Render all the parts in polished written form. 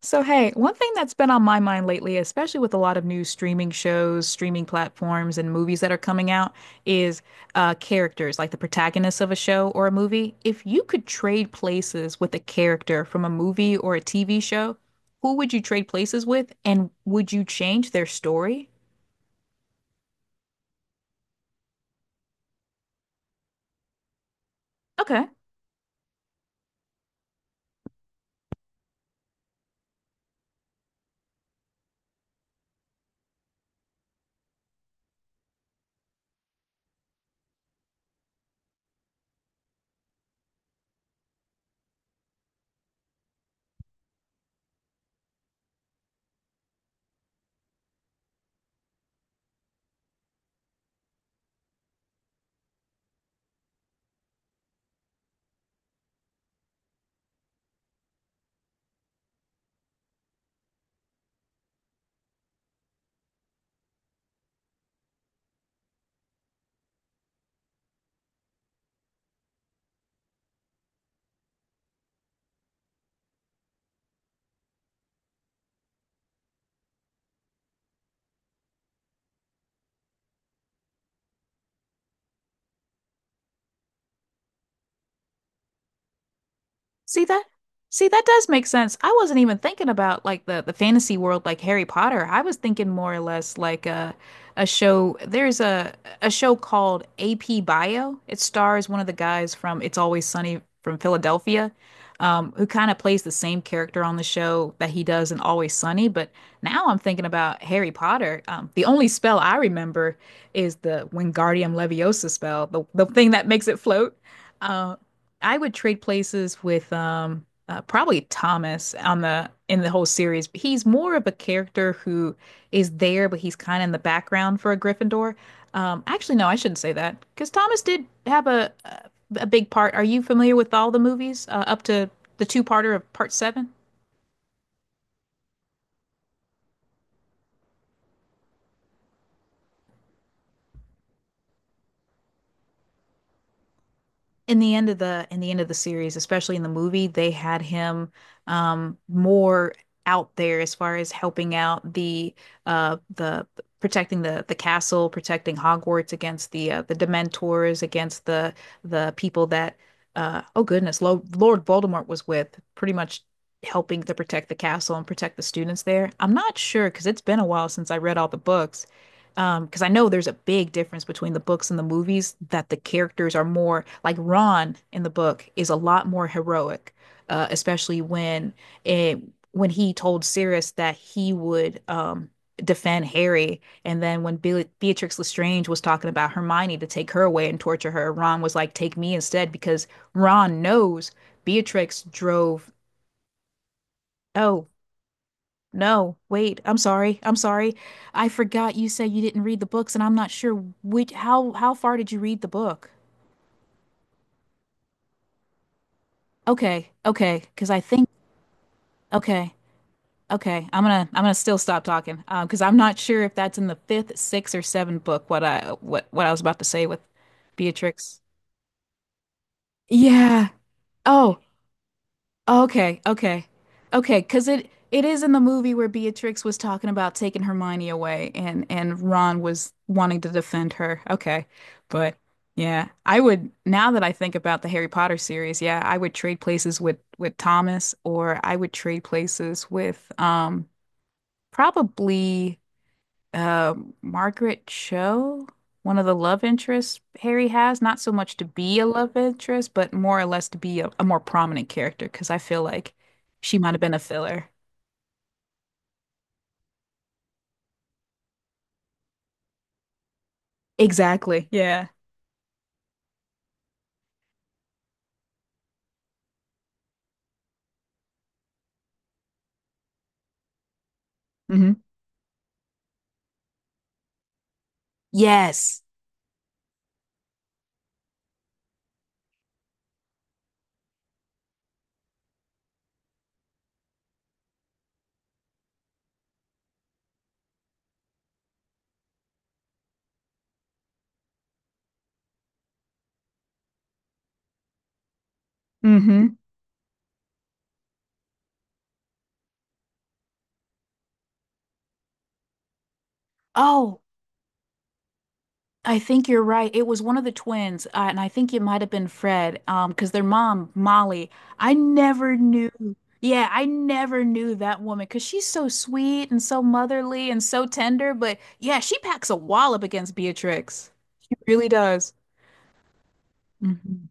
So, hey, one thing that's been on my mind lately, especially with a lot of new streaming shows, streaming platforms, and movies that are coming out, is characters, like the protagonists of a show or a movie. If you could trade places with a character from a movie or a TV show, who would you trade places with, and would you change their story? Okay. See that? See, that does make sense. I wasn't even thinking about like the fantasy world like Harry Potter. I was thinking more or less like a show. There's a show called AP Bio. It stars one of the guys from It's Always Sunny from Philadelphia, who kind of plays the same character on the show that he does in Always Sunny. But now I'm thinking about Harry Potter. The only spell I remember is the Wingardium Leviosa spell, the thing that makes it float. Um, I would trade places with probably Thomas on the in the whole series. He's more of a character who is there, but he's kind of in the background for a Gryffindor. Actually, no, I shouldn't say that because Thomas did have a big part. Are you familiar with all the movies up to the two-parter of part seven? In the end of the end of the series, especially in the movie, they had him more out there as far as helping out the protecting the castle, protecting Hogwarts against the Dementors, against the people that oh goodness, Lo Lord Voldemort was with, pretty much helping to protect the castle and protect the students there. I'm not sure because it's been a while since I read all the books. Because I know there's a big difference between the books and the movies that the characters are more like Ron in the book is a lot more heroic, especially when it, when he told Sirius that he would defend Harry, and then when Be Beatrix Lestrange was talking about Hermione to take her away and torture her, Ron was like, "Take me instead," because Ron knows Beatrix drove. Oh, no, wait. I'm sorry. I'm sorry. I forgot you said you didn't read the books, and I'm not sure which how far did you read the book? Okay, okay, because I think okay, okay. I'm gonna still stop talking, because I'm not sure if that's in the fifth, sixth, or seventh book. What I was about to say with Beatrix. Yeah. Oh, okay, okay. Okay, 'cause it is in the movie where Beatrix was talking about taking Hermione away and Ron was wanting to defend her. Okay. But yeah, I would now that I think about the Harry Potter series, yeah, I would trade places with Thomas or I would trade places with probably uh Margaret Cho, one of the love interests Harry has, not so much to be a love interest, but more or less to be a more prominent character because I feel like she might have been a filler. Exactly. Yeah. Hmm. Yes. Hmm. Oh, I think you're right. It was one of the twins, and I think it might have been Fred, because their mom, Molly, I never knew. Yeah, I never knew that woman because she's so sweet and so motherly and so tender. But yeah, she packs a wallop against Beatrix. She really does. Mhm.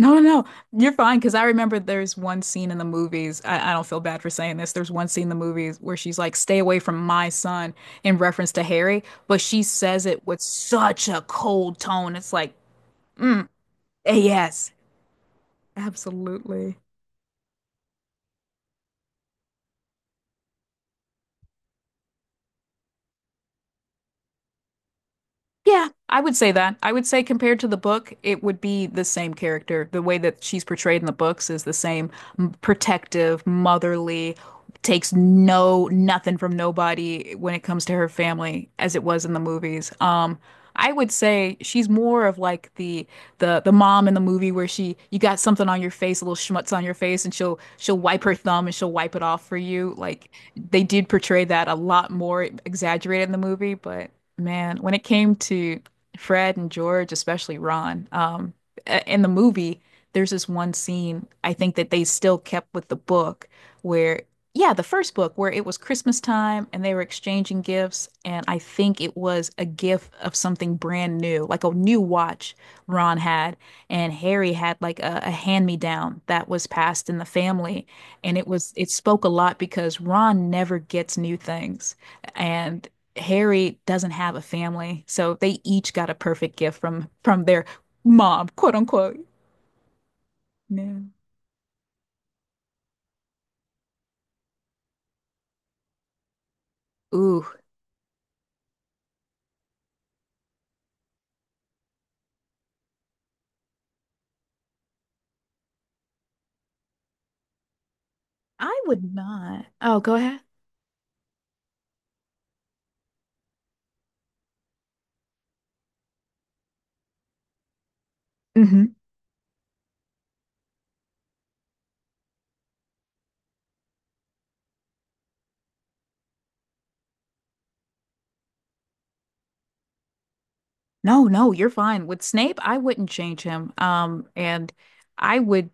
No, no, no. You're fine because I remember there's one scene in the movies. I don't feel bad for saying this. There's one scene in the movies where she's like, stay away from my son in reference to Harry, but she says it with such a cold tone. It's like, mm. Eh, yes, absolutely. Yeah, I would say that. I would say compared to the book, it would be the same character. The way that she's portrayed in the books is the same protective, motherly, takes no nothing from nobody when it comes to her family as it was in the movies. I would say she's more of like the mom in the movie where she you got something on your face, a little schmutz on your face, and she'll wipe her thumb and she'll wipe it off for you. Like they did portray that a lot more exaggerated in the movie, but. Man, when it came to Fred and George, especially Ron, in the movie, there's this one scene I think that they still kept with the book where, yeah, the first book where it was Christmas time and they were exchanging gifts. And I think it was a gift of something brand new, like a new watch Ron had. And Harry had like a hand-me-down that was passed in the family. And it was, it spoke a lot because Ron never gets new things. And Harry doesn't have a family, so they each got a perfect gift from their mom, quote unquote. No. Ooh, I would not. Oh, go ahead. Hmm. No, no, you're fine. With Snape, I wouldn't change him. And I would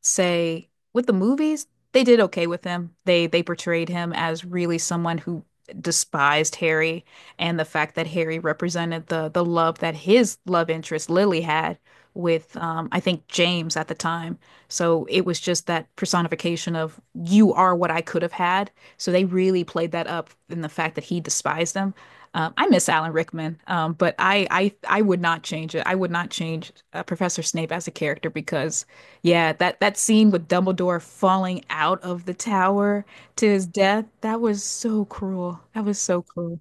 say with the movies, they did okay with him. They portrayed him as really someone who despised Harry and the fact that Harry represented the love that his love interest Lily had with I think James at the time. So it was just that personification of you are what I could have had. So they really played that up in the fact that he despised them. I miss Alan Rickman, but I would not change it. I would not change Professor Snape as a character because yeah, that scene with Dumbledore falling out of the tower to his death, that was so cruel. That was so cruel.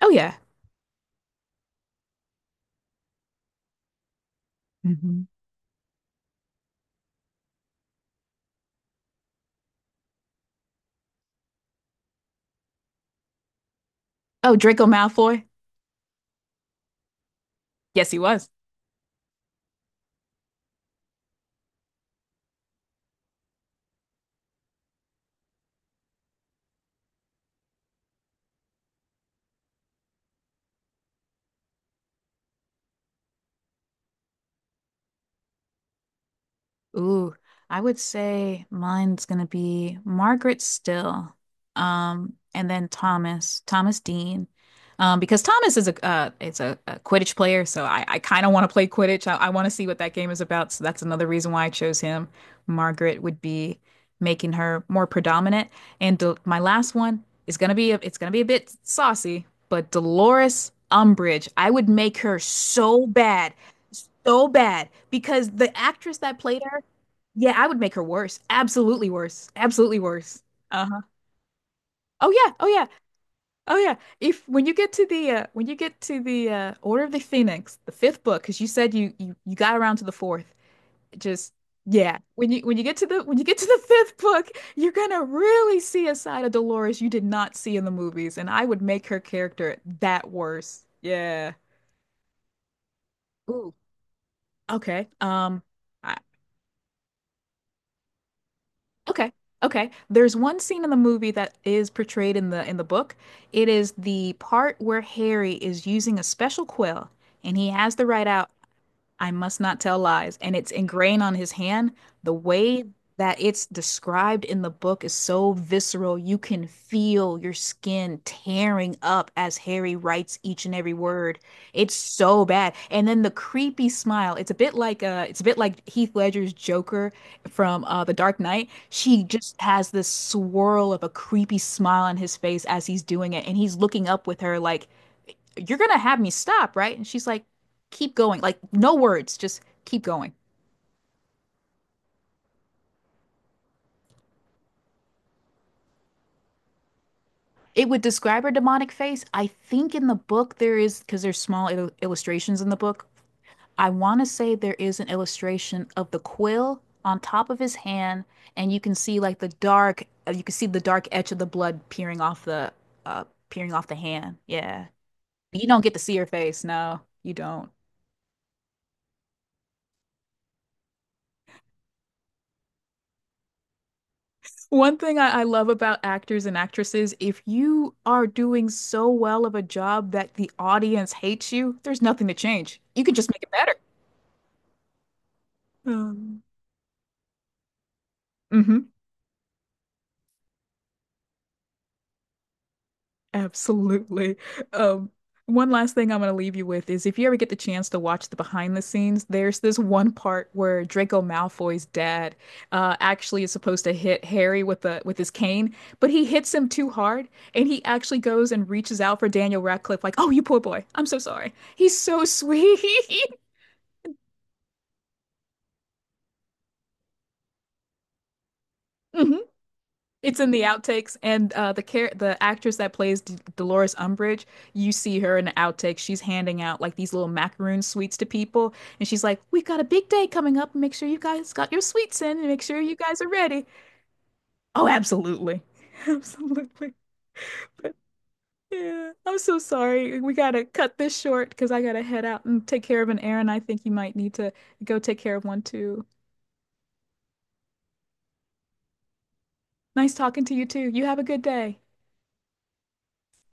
Oh yeah. Hmm. Oh, Draco Malfoy. Yes, he was. Ooh, I would say mine's gonna be Margaret Still, and then Thomas, Thomas Dean, because Thomas is a it's a Quidditch player, so I kind of want to play Quidditch. I want to see what that game is about, so that's another reason why I chose him. Margaret would be making her more predominant, and Del my last one is gonna be a, it's gonna be a bit saucy, but Dolores Umbridge, I would make her so bad because the actress that played her yeah, I would make her worse. Absolutely worse. Absolutely worse. Uh-huh. Oh yeah, oh yeah, oh yeah. If when you get to the when you get to the Order of the Phoenix, the fifth book, because you said you, you got around to the fourth, it just yeah. When you get to the when you get to the fifth book, you're gonna really see a side of Dolores you did not see in the movies, and I would make her character that worse. Yeah. Ooh. Okay. I okay. Okay. There's one scene in the movie that is portrayed in the book. It is the part where Harry is using a special quill and he has the right out I must not tell lies. And it's ingrained on his hand. The way that it's described in the book is so visceral. You can feel your skin tearing up as Harry writes each and every word. It's so bad. And then the creepy smile. It's a bit like it's a bit like Heath Ledger's Joker from The Dark Knight. She just has this swirl of a creepy smile on his face as he's doing it, and he's looking up with her like you're gonna have me stop, right? And she's like, keep going. Like, no words, just keep going. It would describe her demonic face. I think in the book there is, because there's small illustrations in the book. I want to say there is an illustration of the quill on top of his hand, and you can see like the dark, you can see the dark edge of the blood uh, peering off the hand. Yeah. You don't get to see her face. No, you don't. One thing I love about actors and actresses, if you are doing so well of a job that the audience hates you, there's nothing to change. You can just make it better. Um, hmm. Absolutely. Um, one last thing I'm going to leave you with is if you ever get the chance to watch the behind the scenes, there's this one part where Draco Malfoy's dad actually is supposed to hit Harry with the with his cane, but he hits him too hard, and he actually goes and reaches out for Daniel Radcliffe, like, "Oh, you poor boy. I'm so sorry." He's so sweet. Mhm. It's in the outtakes, and the actress that plays D Dolores Umbridge, you see her in the outtakes. She's handing out like these little macaroon sweets to people, and she's like, "We've got a big day coming up. Make sure you guys got your sweets in, and make sure you guys are ready." Oh, absolutely, absolutely. But yeah, I'm so sorry. We gotta cut this short because I gotta head out and take care of an errand. I think you might need to go take care of one too. Nice talking to you too. You have a good day.